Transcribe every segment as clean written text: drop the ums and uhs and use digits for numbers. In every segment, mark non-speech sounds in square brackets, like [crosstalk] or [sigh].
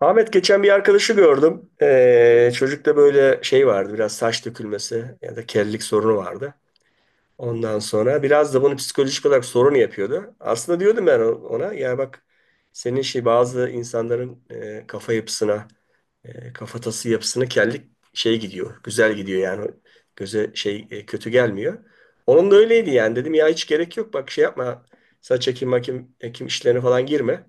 Ahmet geçen bir arkadaşı gördüm. Çocukta böyle şey vardı, biraz saç dökülmesi ya da kellik sorunu vardı. Ondan sonra biraz da bunu psikolojik olarak sorun yapıyordu. Aslında diyordum ben ona, ya bak senin şey, bazı insanların kafa yapısına, kafatası yapısına kellik şey gidiyor. Güzel gidiyor yani, göze şey kötü gelmiyor. Onun da öyleydi yani, dedim ya hiç gerek yok, bak şey yapma, saç ekim makim ekim işlerine falan girme.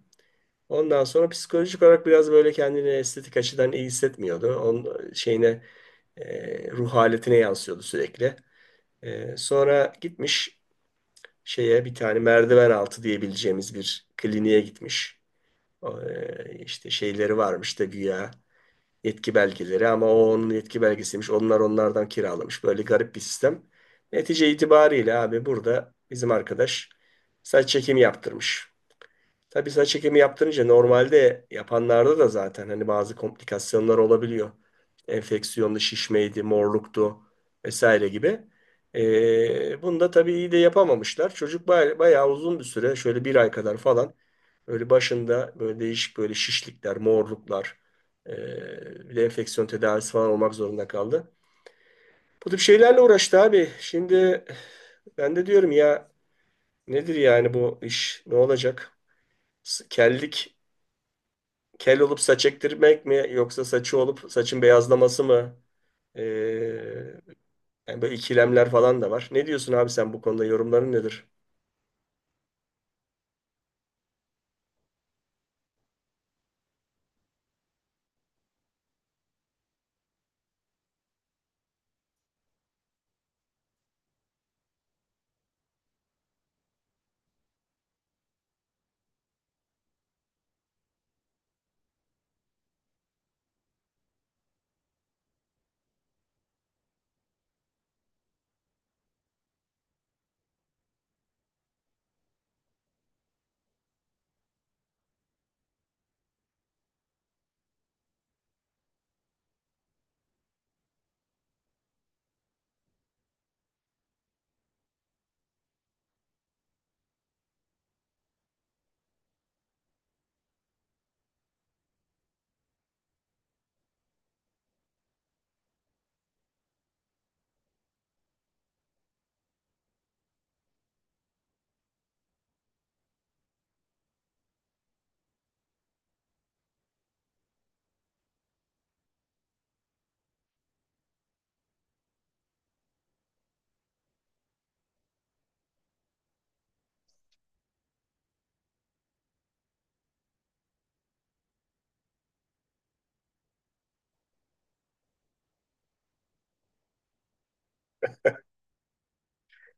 Ondan sonra psikolojik olarak biraz böyle kendini estetik açıdan iyi hissetmiyordu. Onun şeyine ruh haletine yansıyordu sürekli. Sonra gitmiş şeye, bir tane merdiven altı diyebileceğimiz bir kliniğe gitmiş. O, işte şeyleri varmış da, güya yetki belgeleri, ama o onun yetki belgesiymiş. Onlar onlardan kiralamış. Böyle garip bir sistem. Netice itibariyle abi, burada bizim arkadaş saç çekimi yaptırmış. Tabii saç ekimi yaptırınca normalde yapanlarda da zaten hani bazı komplikasyonlar olabiliyor. Enfeksiyonlu şişmeydi, morluktu vesaire gibi. Bunu da tabii iyi de yapamamışlar. Çocuk bayağı uzun bir süre, şöyle bir ay kadar falan böyle başında böyle değişik böyle şişlikler, morluklar, bir de enfeksiyon tedavisi falan olmak zorunda kaldı. Bu tip şeylerle uğraştı abi. Şimdi ben de diyorum ya, nedir yani bu iş, ne olacak? Kellik, kel olup saç ektirmek mi, yoksa saçı olup saçın beyazlaması mı? Ee, Yani böyle ikilemler falan da var. Ne diyorsun abi, sen bu konuda yorumların nedir?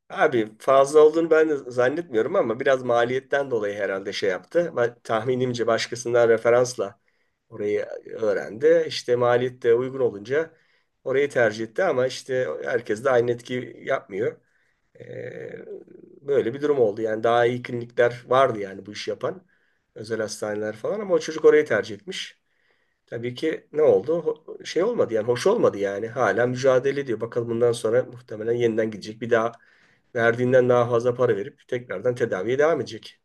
Abi fazla olduğunu ben de zannetmiyorum ama biraz maliyetten dolayı herhalde şey yaptı. Ben, tahminimce başkasından referansla orayı öğrendi. İşte maliyet de uygun olunca orayı tercih etti, ama işte herkes de aynı etki yapmıyor. Ee, Böyle bir durum oldu. Yani daha iyi klinikler vardı yani bu işi yapan. Özel hastaneler falan, ama o çocuk orayı tercih etmiş. Tabii ki ne oldu? Şey olmadı yani, hoş olmadı yani. Hala mücadele ediyor. Bakalım bundan sonra muhtemelen yeniden gidecek. Bir daha verdiğinden daha fazla para verip tekrardan tedaviye devam edecek.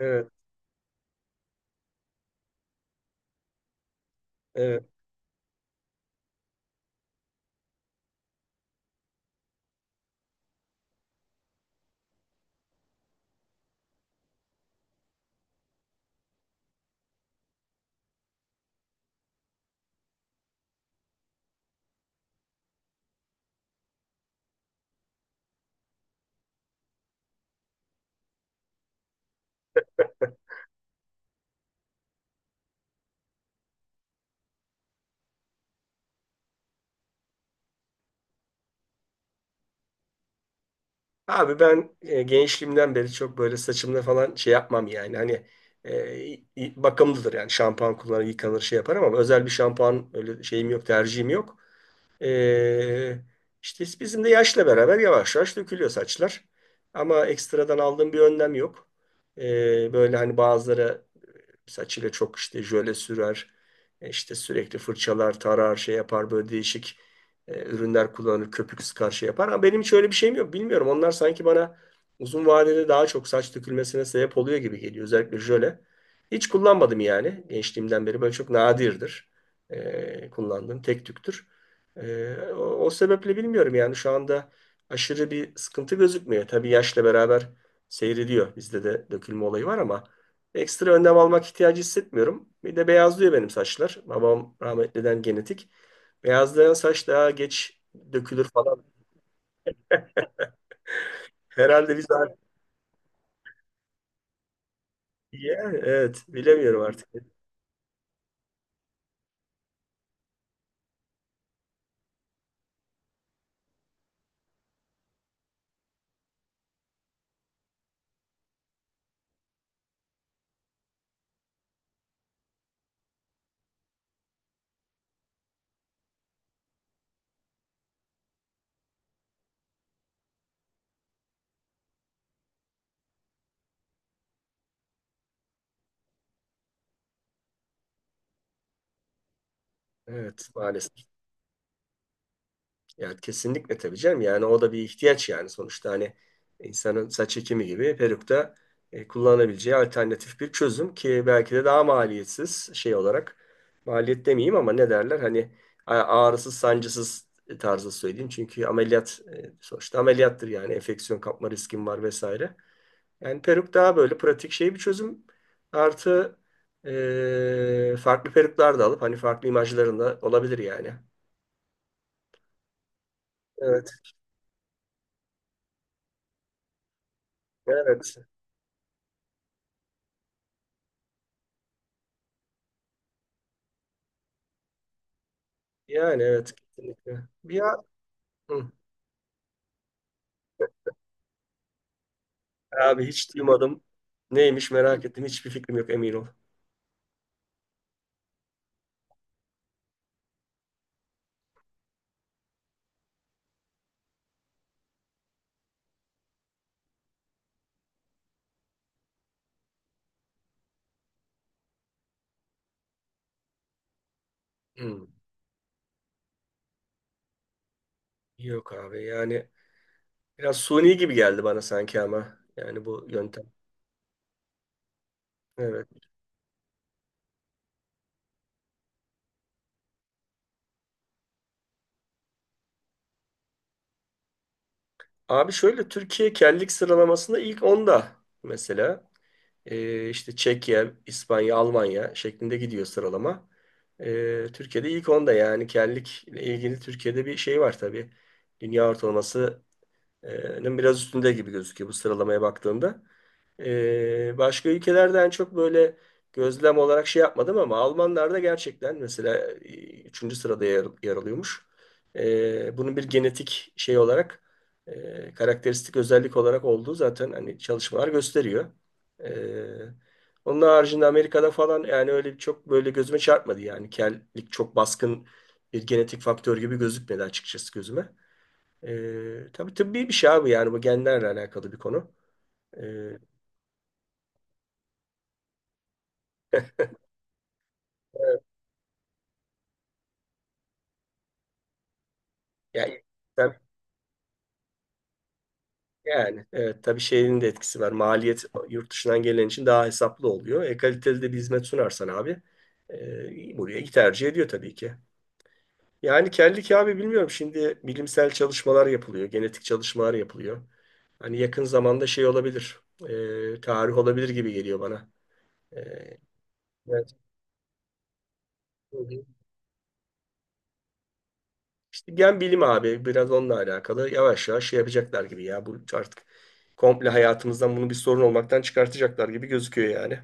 Evet, evet. Abi ben gençliğimden beri çok böyle saçımda falan şey yapmam yani. Hani bakımlıdır yani, şampuan kullanır, yıkanır, şey yaparım, ama özel bir şampuan öyle şeyim yok, tercihim yok. Ee, işte bizim de yaşla beraber yavaş yavaş dökülüyor saçlar. Ama ekstradan aldığım bir önlem yok. Böyle hani bazıları saçıyla çok işte jöle sürer. İşte sürekli fırçalar, tarar, şey yapar, böyle değişik ürünler kullanır, köpük sıkar, şey yapar. Ama benim hiç öyle bir şeyim yok. Bilmiyorum. Onlar sanki bana uzun vadede daha çok saç dökülmesine sebep oluyor gibi geliyor. Özellikle jöle. Hiç kullanmadım yani gençliğimden beri. Böyle çok nadirdir kullandığım, tek tüktür. E, o, o sebeple bilmiyorum yani, şu anda aşırı bir sıkıntı gözükmüyor. Tabii yaşla beraber seyrediyor. Bizde de dökülme olayı var, ama ekstra önlem almak ihtiyacı hissetmiyorum. Bir de beyazlıyor benim saçlar. Babam rahmetliden genetik. Beyazlayan saç daha geç dökülür falan. Herhalde biz artık... Ya, evet, bilemiyorum artık. Evet, maalesef. Ya, kesinlikle tabii canım. Yani o da bir ihtiyaç yani, sonuçta hani insanın saç ekimi gibi peruk da kullanabileceği alternatif bir çözüm, ki belki de daha maliyetsiz şey olarak, maliyet demeyeyim ama, ne derler hani, a- ağrısız sancısız tarzı söyleyeyim. Çünkü ameliyat, sonuçta ameliyattır yani, enfeksiyon kapma riskin var vesaire. Yani peruk daha böyle pratik şey bir çözüm. Artı farklı peruklar da alıp hani farklı imajlarında olabilir yani. Evet, evet. Yani evet, kesinlikle. Ya, hı. Abi hiç duymadım. Neymiş, merak ettim. Hiçbir fikrim yok, emin ol. Hı. Yok abi yani biraz suni gibi geldi bana sanki, ama. Yani bu yöntem. Evet. Abi şöyle, Türkiye kellik sıralamasında ilk onda mesela. İşte Çekya, İspanya, Almanya şeklinde gidiyor sıralama. Türkiye'de ilk onda yani, kellik ile ilgili Türkiye'de bir şey var tabii. Dünya ortalamasının biraz üstünde gibi gözüküyor bu sıralamaya baktığında. Başka ülkelerden çok böyle gözlem olarak şey yapmadım, ama Almanlarda gerçekten mesela üçüncü sırada yer alıyormuş. Bunun bir genetik şey olarak, karakteristik özellik olarak olduğu zaten hani çalışmalar gösteriyor. Ee, Onun haricinde Amerika'da falan yani öyle çok böyle gözüme çarpmadı yani, kellik çok baskın bir genetik faktör gibi gözükmedi açıkçası gözüme. Tabii tıbbi bir şey abi yani, bu genlerle alakalı bir konu. Ee, Yani, tabii, yani evet tabii şeyin de etkisi var. Maliyet yurt dışından gelen için daha hesaplı oluyor. E kaliteli de bir hizmet sunarsan abi, buraya iyi tercih ediyor tabii ki. Yani kellik abi, bilmiyorum, şimdi bilimsel çalışmalar yapılıyor. Genetik çalışmalar yapılıyor. Hani yakın zamanda şey olabilir, tarih olabilir gibi geliyor bana. E, evet. İşte gen bilimi abi, biraz onunla alakalı. Yavaş yavaş şey yapacaklar gibi ya. Bu artık komple hayatımızdan bunu bir sorun olmaktan çıkartacaklar gibi gözüküyor yani.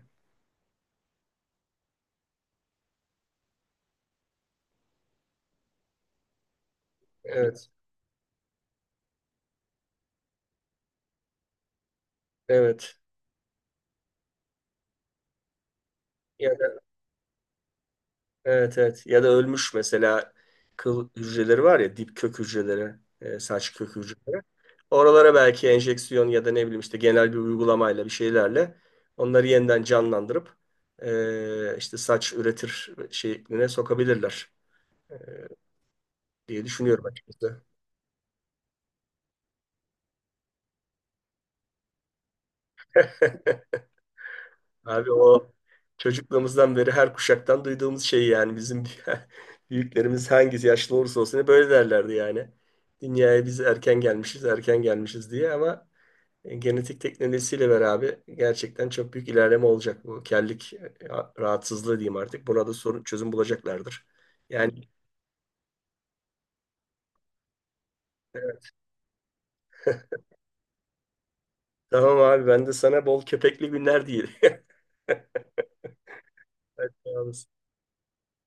Evet. Evet. Ya da, evet, evet. Ya da ölmüş mesela kıl hücreleri var ya, dip kök hücreleri, saç kök hücreleri. Oralara belki enjeksiyon ya da ne bileyim işte genel bir uygulamayla bir şeylerle onları yeniden canlandırıp işte saç üretir şekline sokabilirler e, diye düşünüyorum açıkçası. Abi o çocukluğumuzdan beri her kuşaktan duyduğumuz şey yani, bizim [laughs] büyüklerimiz hangisi yaşlı olursa olsun hep böyle derlerdi yani. Dünyaya biz erken gelmişiz, erken gelmişiz diye, ama genetik teknolojisiyle beraber gerçekten çok büyük ilerleme olacak bu kellik rahatsızlığı diyeyim artık. Buna da sorun çözüm bulacaklardır. Yani e, tamam abi, ben de sana bol köpekli günler diyeyim. [laughs] Hadi sağ olasın.